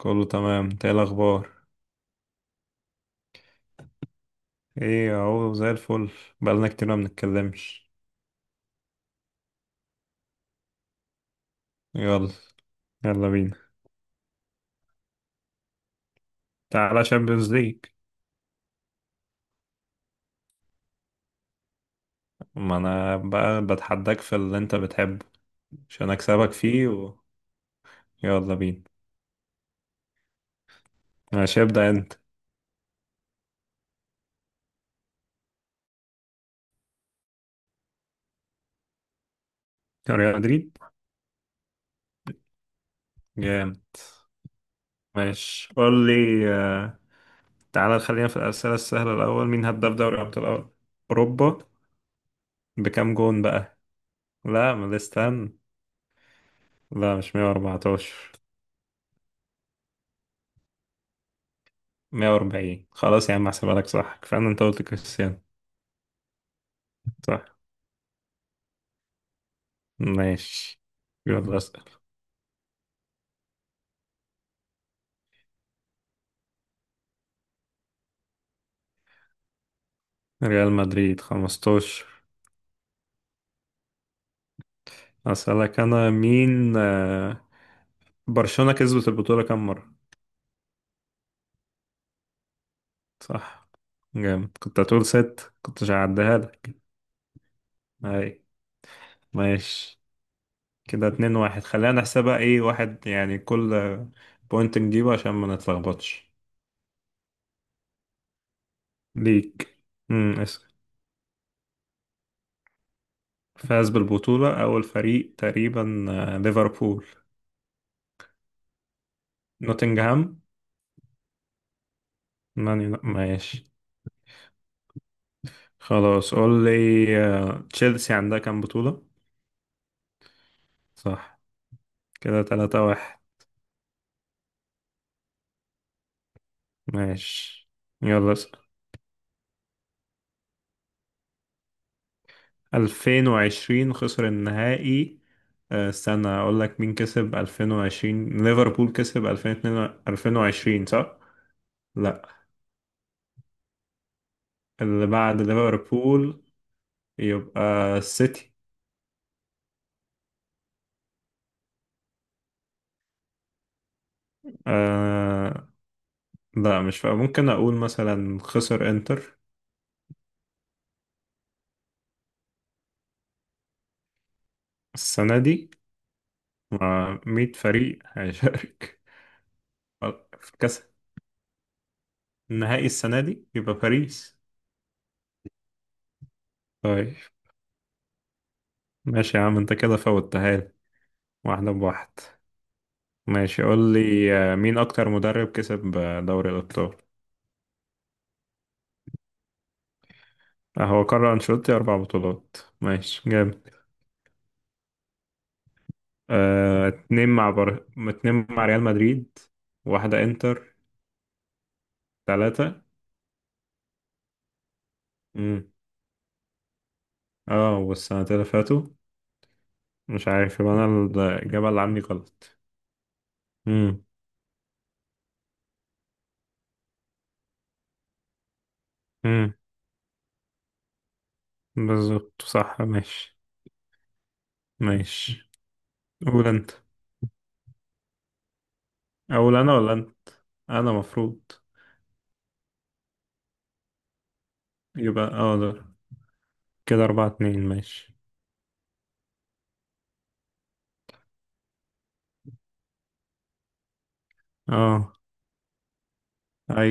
كله تمام، انت ايه الاخبار؟ ايه اهو زي الفل. بقالنا كتير ما بنتكلمش. يلا. يلا بينا. تعالى شامبيونز ليج. ما انا بقى بتحداك في اللي انت بتحبه عشان اكسبك فيه يلا بينا. ماشي، ابدأ انت. ريال مدريد. جامد. ماشي قول لي. آه، تعالى خلينا في الأسئلة السهلة. الأول، مين هداف دوري أبطال أوروبا؟ بكام جون بقى؟ لا ما ده، استنى. لا مش 114. 140، خلاص يا عم احسبها لك، صح، كفاية، انت قلت كريستيانو. صح. ماشي. يلا اسأل. ريال مدريد 15. اسألك انا مين. برشلونة كسبت البطولة كام مرة؟ صح. جامد، كنت هتقول ست كنتش هعديها لك. اي. ماشي، كده اتنين واحد، خلينا نحسبها، ايه، واحد يعني كل بوينت نجيبه عشان ما نتلخبطش. ليك. اسأل. فاز بالبطولة أول فريق تقريبا، ليفربول. نوتنغهام. ماشي. خلاص قول لي. تشيلسي عندها كام بطولة؟ صح. كده تلاتة واحد. ماشي. يلا اسأل. 2020 خسر النهائي. استنى اقول لك مين كسب 2020، ليفربول كسب 2022، صح؟ لا. اللي بعد ليفربول. يبقى السيتي. آه. لا مش فاهم، ممكن اقول مثلا خسر انتر. السنة دي. مع 100 فريق هيشارك. في كأس النهائي السنة دي يبقى باريس. طيب. ماشي يا عم، انت كده فوتها لي. واحدة بواحد. ماشي قول لي، مين أكتر مدرب كسب دوري الأبطال؟ هو كارلو أنشيلوتي أربع بطولات. ماشي، جامد. اتنين مع اتنين مع ريال مدريد. واحدة انتر. تلاتة. مم. اه، والسنتين اللي فاتوا. مش عارف، يبقى أنا الإجابة اللي عندي غلط. مم. مم. بالظبط صح، ماشي. ماشي. قول انت. اقول انا ولا انت؟ انا مفروض. يبقى اه ده، كده اربعة اتنين، ماشي. اه. اي.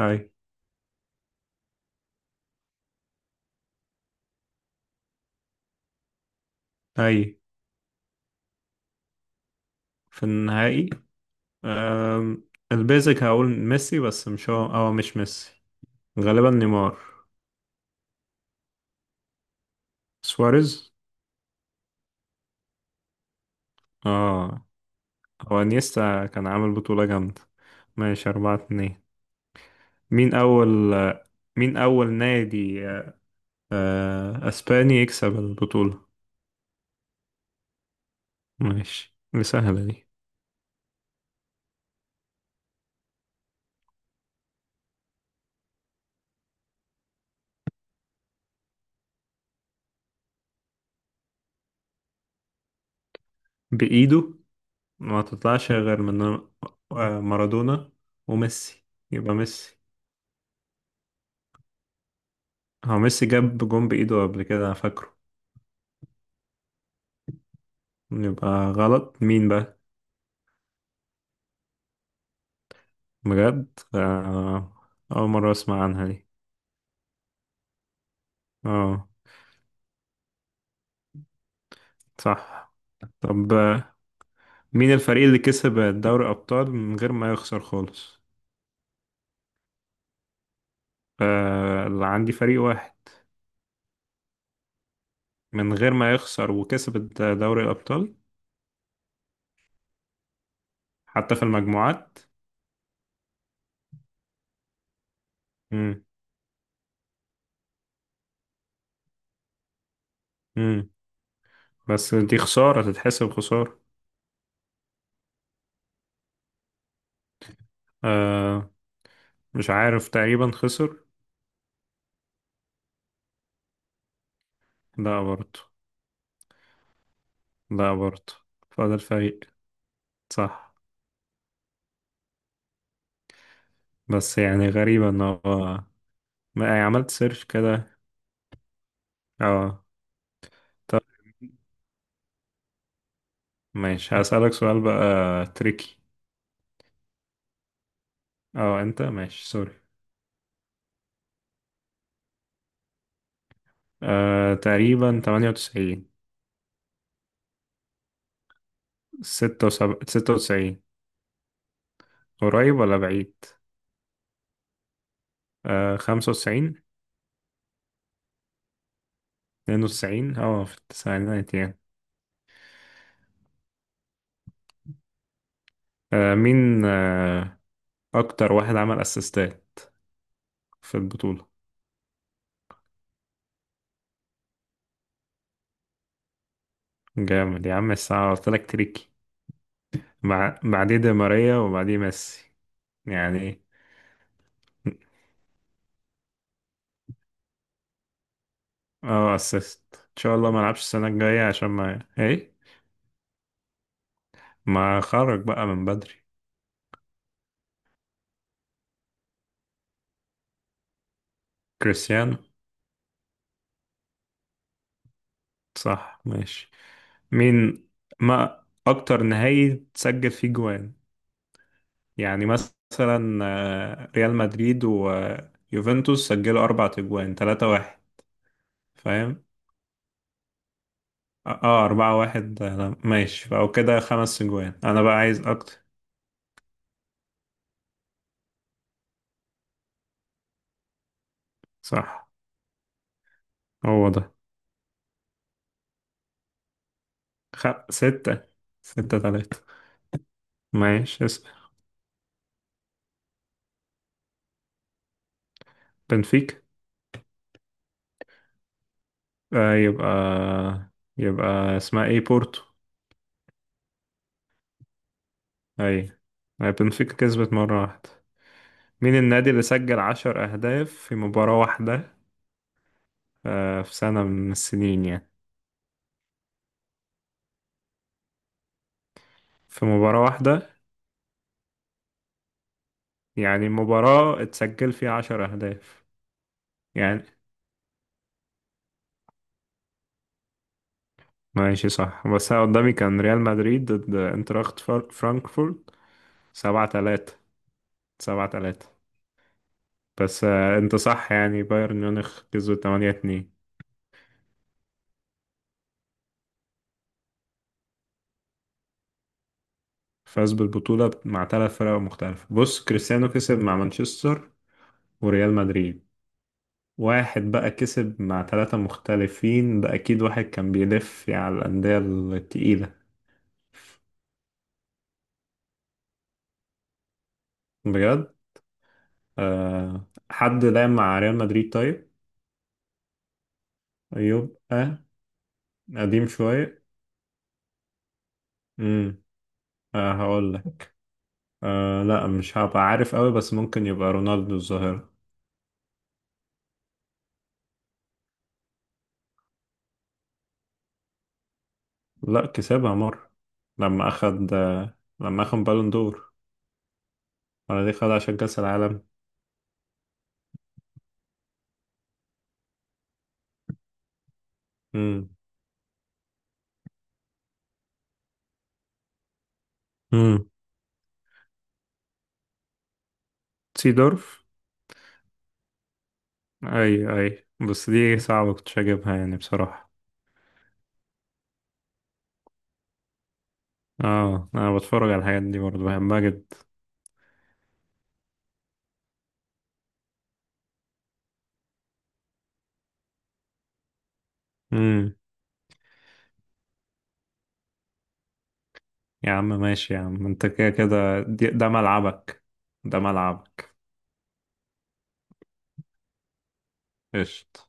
اي. اي. في النهائي. أم... البيزك هقول ميسي بس مش هو، مش ميسي. غالبا نيمار. سواريز. اه. هو انيستا كان عامل بطولة جامدة. ماشي أربعة اتنين. مين أول. مين أول نادي أسباني يكسب البطولة؟ ماشي، دي سهلة دي. بإيده؟ ما تطلعش غير من مارادونا وميسي. يبقى ميسي. هو ميسي جاب جون بإيده قبل كده، أنا فاكره. يبقى غلط، مين بقى؟ بجد. أول مرة أسمع عنها دي. اه. صح. طب، مين الفريق اللي كسب دوري أبطال من غير ما يخسر خالص؟ اللي عندي فريق واحد. من غير ما يخسر وكسب دوري الأبطال. حتى في المجموعات. مم. مم. بس دي خسارة تتحسب خسارة. آه، مش عارف، تقريبا خسر. لا برضه. لا برضه. فضل فريق. صح. بس يعني غريبة ان هو ما يعني عملت سيرش كده. اه. طب. ماشي هسألك سؤال بقى تريكي. اه انت، ماشي سوري. تقريبا 98. 76، 96. قريب ولا بعيد؟ 95. 92، اه في التسعينات يعني. مين اكتر واحد عمل اسيستات في البطولة؟ جامد يا عم، الساعة قلت لك تريكي. مع بعديه دي ماريا وبعديه ميسي. يعني. اه اسيست، ان شاء الله ما العبش السنه الجايه عشان ما ايه. ما خرج بقى من بدري. كريستيانو. صح ماشي. مين. ما اكتر نهائي تسجل فيه جوان؟ يعني مثلا، ريال مدريد ويوفنتوس سجلوا اربع اجوان، تلاتة واحد. فاهم. اه، اربعة واحد، ماشي فأو كده خمس اجوان، انا بقى عايز اكتر. صح. هو ده. ستة. ستة تلاتة. ماشي، اسم. بنفيكا. يبقى، يبقى اسمها ايه، بورتو. اي. بنفيكا كسبت مرة واحدة. مين النادي اللي سجل عشر أهداف في مباراة واحدة؟ في سنة من السنين يعني. في مباراة واحدة. يعني مباراة اتسجل فيها عشر أهداف. يعني. ماشي صح، بس أنا قدامي كان ريال مدريد ضد انتراخت فرانكفورت. سبعة تلاتة. سبعة تلاتة. بس انت صح، يعني بايرن ميونخ كسبوا 8-2. فاز بالبطولة مع ثلاث فرق مختلفة، بص كريستيانو كسب مع مانشستر وريال مدريد. واحد بقى كسب مع ثلاثة مختلفين، ده أكيد واحد كان بيلف على الأندية التقيلة. بجد. أه، حد لعب مع ريال مدريد طيب؟ يبقى قديم شوية. امم. أه هقول لك. أه لا مش هبقى عارف قوي، بس ممكن يبقى رونالدو الظاهرة. لا كسبها مرة. لما أخد. لما أخد بالون دور. ولا دي خد عشان كأس العالم. امم. امم. سيدورف. أي، أي، بس دي صعبة كنتش أجيبها يعني بصراحة. اه، أنا بتفرج على الحاجات دي برضه، بحبها جدا. امم. يا عم ماشي يا عم، أنت كده كده ده ملعبك. ده ملعبك. قشطة.